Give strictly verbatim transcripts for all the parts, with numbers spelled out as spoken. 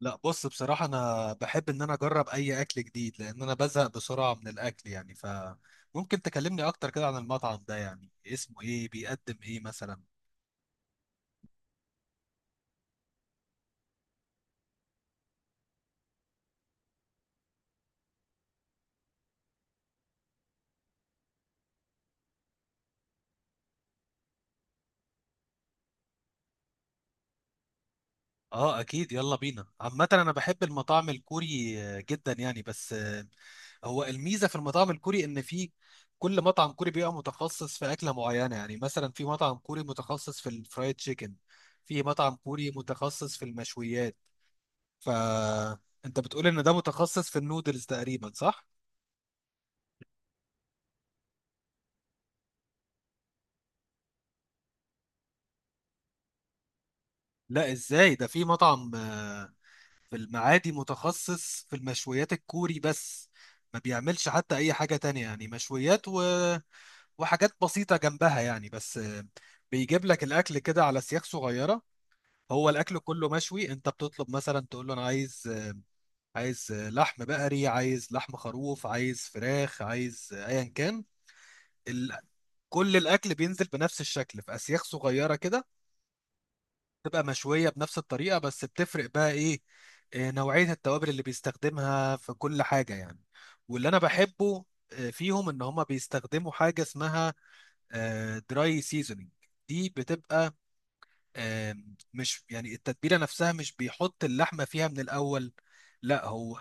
لا بص، بصراحة أنا بحب إن أنا أجرب أي أكل جديد لأن أنا بزهق بسرعة من الأكل، يعني فممكن تكلمني أكتر كده عن المطعم ده، يعني اسمه إيه، بيقدم إيه مثلا. آه أكيد، يلا بينا. عامة أنا بحب المطاعم الكوري آه، جدا يعني، بس آه، هو الميزة في المطاعم الكوري إن في كل مطعم كوري بيبقى متخصص في أكلة معينة، يعني مثلا في مطعم كوري متخصص في الفرايد تشيكن، في مطعم كوري متخصص في المشويات. فأنت بتقول إن ده متخصص في النودلز تقريبا، صح؟ لا ازاي، ده في مطعم آه، في المعادي متخصص في المشويات الكوري بس، ما بيعملش حتى اي حاجة تانية، يعني مشويات و... وحاجات بسيطة جنبها يعني، بس آه، بيجيب لك الاكل كده على سياخ صغيرة. هو الاكل كله مشوي، انت بتطلب مثلا تقول له انا عايز آه، عايز آه، لحم بقري، عايز لحم خروف، عايز فراخ، عايز آه، ايا كان ال... كل الاكل بينزل بنفس الشكل في اسياخ صغيرة كده، تبقى مشوية بنفس الطريقة، بس بتفرق بقى ايه، آه، نوعية التوابل اللي بيستخدمها في كل حاجة يعني. واللي انا بحبه آه، فيهم ان هما بيستخدموا حاجة اسمها دراي سيزونينج، دي بتبقى آه، مش يعني التتبيلة نفسها، مش بيحط اللحمة فيها من الاول، لا هو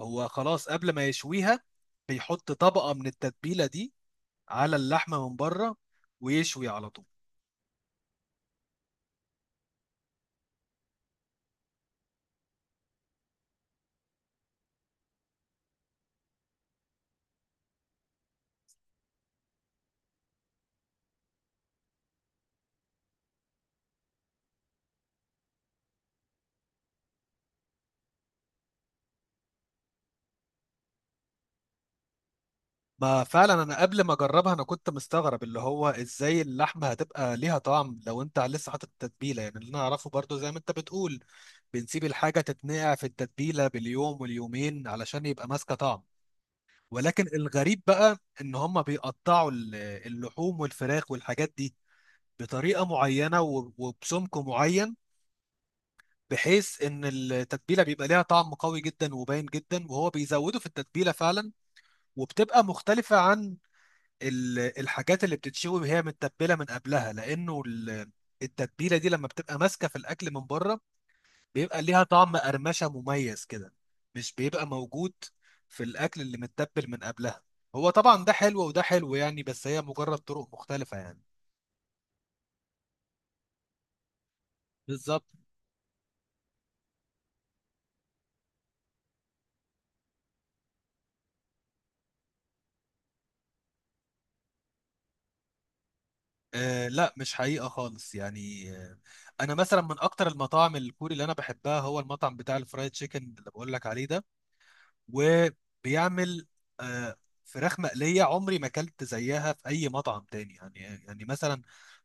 هو خلاص قبل ما يشويها بيحط طبقة من التتبيلة دي على اللحمة من بره، ويشوي على طول. ما فعلا انا قبل ما اجربها انا كنت مستغرب اللي هو ازاي اللحمه هتبقى ليها طعم لو انت لسه حاطط التتبيله، يعني اللي انا اعرفه برضو زي ما انت بتقول، بنسيب الحاجه تتنقع في التتبيله باليوم واليومين علشان يبقى ماسكه طعم. ولكن الغريب بقى ان هم بيقطعوا ال- اللحوم والفراخ والحاجات دي بطريقه معينه و- وبسمك معين، بحيث ان التتبيله بيبقى ليها طعم قوي جدا وباين جدا، وهو بيزودوا في التتبيله فعلا. وبتبقى مختلفه عن ال- الحاجات اللي بتتشوي وهي متبله من قبلها، لانه ال- التتبيله دي لما بتبقى ماسكه في الاكل من بره بيبقى ليها طعم قرمشه مميز كده، مش بيبقى موجود في الاكل اللي متبل من قبلها. هو طبعا ده حلو وده حلو يعني، بس هي مجرد طرق مختلفه يعني. بالظبط. آه لا مش حقيقه خالص يعني، آه انا مثلا من اكتر المطاعم الكوري اللي انا بحبها هو المطعم بتاع الفرايد تشيكن اللي بقول لك عليه ده. وبيعمل آه، فراخ مقلية عمري ما اكلت زيها في اي مطعم تاني، يعني يعني مثلا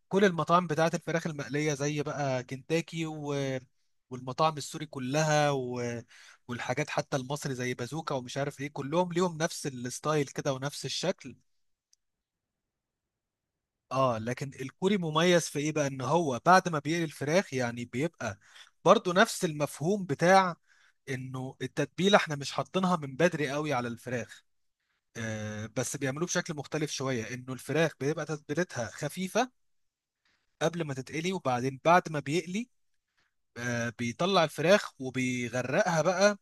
كل المطاعم بتاعت الفراخ المقلية زي بقى كنتاكي و والمطاعم السوري كلها و... والحاجات حتى المصري زي بازوكا ومش عارف ايه، كلهم ليهم نفس الستايل كده ونفس الشكل. اه لكن الكوري مميز في ايه بقى، ان هو بعد ما بيقلي الفراخ يعني بيبقى برضو نفس المفهوم بتاع انه التتبيله احنا مش حاطينها من بدري قوي على الفراخ، آه، بس بيعملوه بشكل مختلف شوية، إنه الفراخ بيبقى تتبيلتها خفيفة قبل ما تتقلي، وبعدين بعد ما بيقلي آه، بيطلع الفراخ وبيغرقها بقى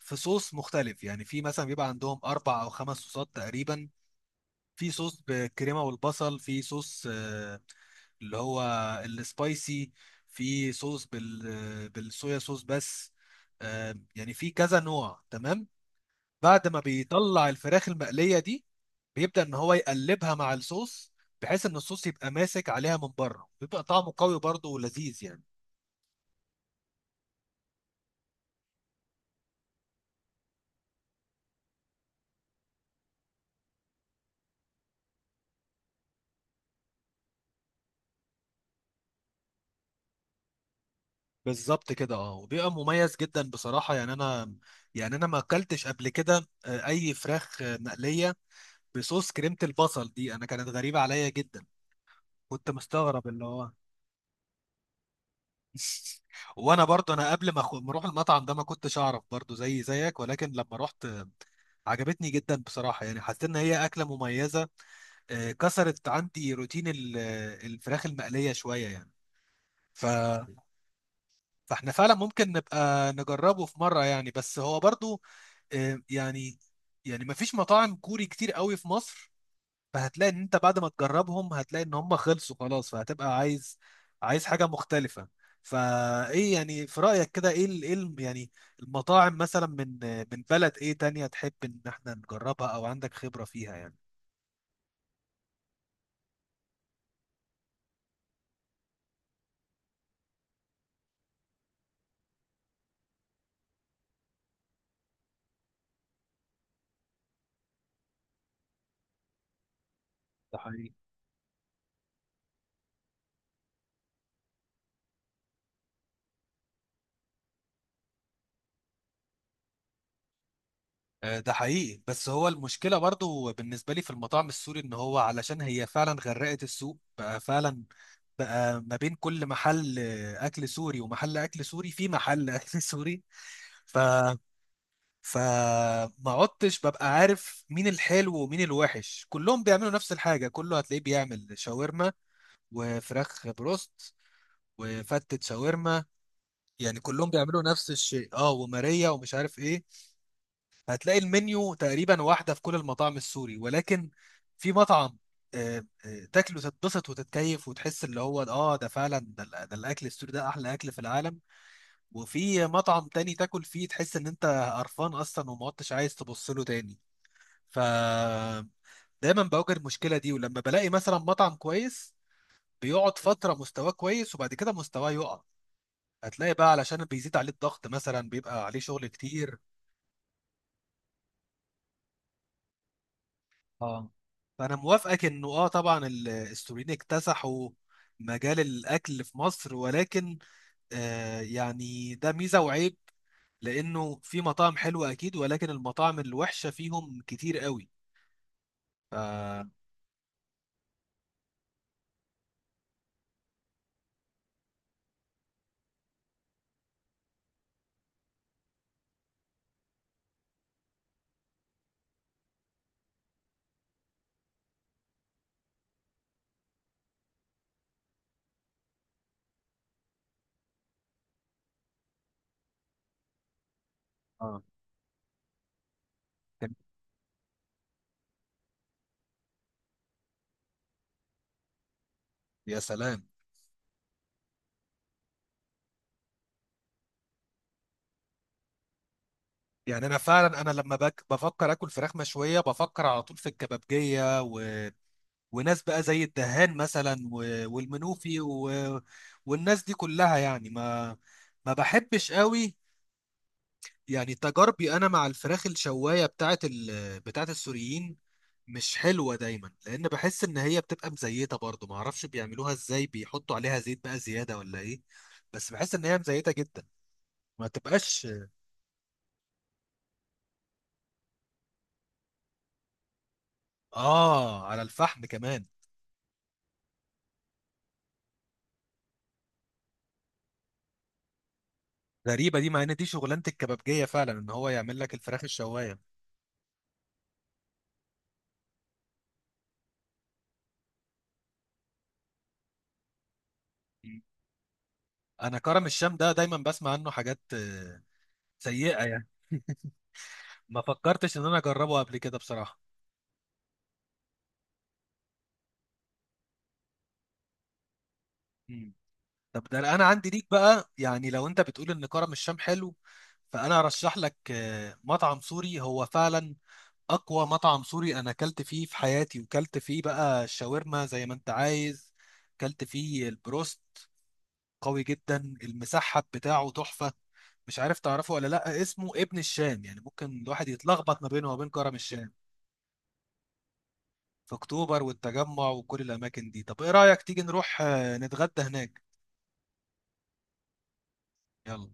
في صوص مختلف، يعني في مثلا بيبقى عندهم أربع أو خمس صوصات تقريبا. في صوص بالكريمة والبصل، في صوص آه، اللي هو السبايسي، في صوص بال آه، بالصويا صوص بس، آه، يعني في كذا نوع. تمام، بعد ما بيطلع الفراخ المقلية دي بيبدأ إن هو يقلبها مع الصوص، بحيث إن الصوص يبقى ماسك عليها من بره، بيبقى طعمه قوي برضه ولذيذ يعني. بالظبط كده، اه وبيبقى مميز جدا بصراحة. يعني أنا، يعني أنا ما أكلتش قبل كده آه، أي فراخ آه، مقلية بصوص كريمة البصل دي، أنا كانت غريبة عليا جدا، كنت مستغرب اللي هو وانا برضو انا قبل ما أخ- ما اروح المطعم ده ما كنتش اعرف برضو زي زيك، ولكن لما رحت آه، عجبتني جدا بصراحة، يعني حسيت ان هي اكلة مميزة، آه، كسرت عندي روتين ال- الفراخ المقلية شوية يعني. ف... فاحنا فعلا ممكن نبقى نجربه في مرة يعني، بس هو برضو آه، يعني يعني ما فيش مطاعم كوري كتير قوي في مصر، فهتلاقي ان انت بعد ما تجربهم هتلاقي ان هم خلصوا خلاص، فهتبقى عايز عايز حاجة مختلفة. فايه يعني في رأيك كده، ايه ال... ايه ال... يعني المطاعم مثلا من من بلد ايه تانية تحب ان احنا نجربها او عندك خبرة فيها؟ يعني آه، ده حقيقي، بس هو المشكلة برضو بالنسبة لي في المطاعم السوري ان هو علشان هي فعلا غرقت السوق بقى فعلا، بقى ما بين كل محل آه، اكل سوري ومحل اكل سوري في محل اكل سوري. ف فما عدتش ببقى عارف مين الحلو ومين الوحش، كلهم بيعملوا نفس الحاجة. كله هتلاقيه بيعمل شاورما وفراخ بروست وفتة شاورما، يعني كلهم بيعملوا نفس الشيء، اه وماريا ومش عارف ايه. هتلاقي المنيو تقريبا واحدة في كل المطاعم السوري، ولكن في مطعم آه، آه، تاكله تتبسط وتتكيف وتحس اللي هو اه ده فعلا ده, ال- ده الاكل السوري، ده احلى اكل في العالم. وفي مطعم تاني تاكل فيه تحس ان انت قرفان اصلا وما عدتش عايز تبص له تاني. ف دايما بواجه المشكلة دي، ولما بلاقي مثلا مطعم كويس بيقعد فترة مستواه كويس وبعد كده مستواه يقع، هتلاقي بقى علشان بيزيد عليه الضغط مثلا بيبقى عليه شغل كتير. اه، فانا موافقك انه اه طبعا ال- السوريين اكتسحوا مجال الاكل في مصر، ولكن آه يعني ده ميزه وعيب، لانه في مطاعم حلوه اكيد، ولكن المطاعم الوحشه فيهم كتير قوي. ف اه كان- يا سلام. يعني انا فعلا انا لما بك بفكر اكل فراخ مشويه بفكر على طول في الكبابجيه و... وناس بقى زي الدهان مثلا و... والمنوفي و... والناس دي كلها يعني ما، ما بحبش قوي. يعني تجاربي انا مع الفراخ الشوايه بتاعت ال... بتاعت السوريين مش حلوه دايما، لان بحس ان هي بتبقى مزيته، برضو ما اعرفش بيعملوها ازاي، بيحطوا عليها زيت بقى زياده ولا ايه، بس بحس ان هي مزيته جدا، ما تبقاش. اه على الفحم كمان. غريبه دي، مع ان دي شغلانه الكبابجيه فعلا ان هو يعمل لك الفراخ الشوايه. م. انا كرم الشام ده دايما بسمع عنه حاجات آه، سيئه يعني، ما فكرتش ان انا اجربه قبل كده بصراحه. م. طب ده انا عندي ليك بقى، يعني لو انت بتقول ان كرم الشام حلو، فانا ارشح لك آه، مطعم سوري هو فعلا اقوى مطعم سوري انا اكلت فيه في حياتي، وكلت فيه بقى الشاورما زي ما انت عايز، كلت فيه البروست. قوي جدا، المسحب بتاعه تحفة. مش عارف تعرفه ولا لا، اسمه ابن الشام، يعني ممكن الواحد يتلخبط ما بينه وبين كرم الشام. في اكتوبر والتجمع وكل الاماكن دي. طب ايه رايك تيجي نروح آه، نتغدى هناك؟ يلا.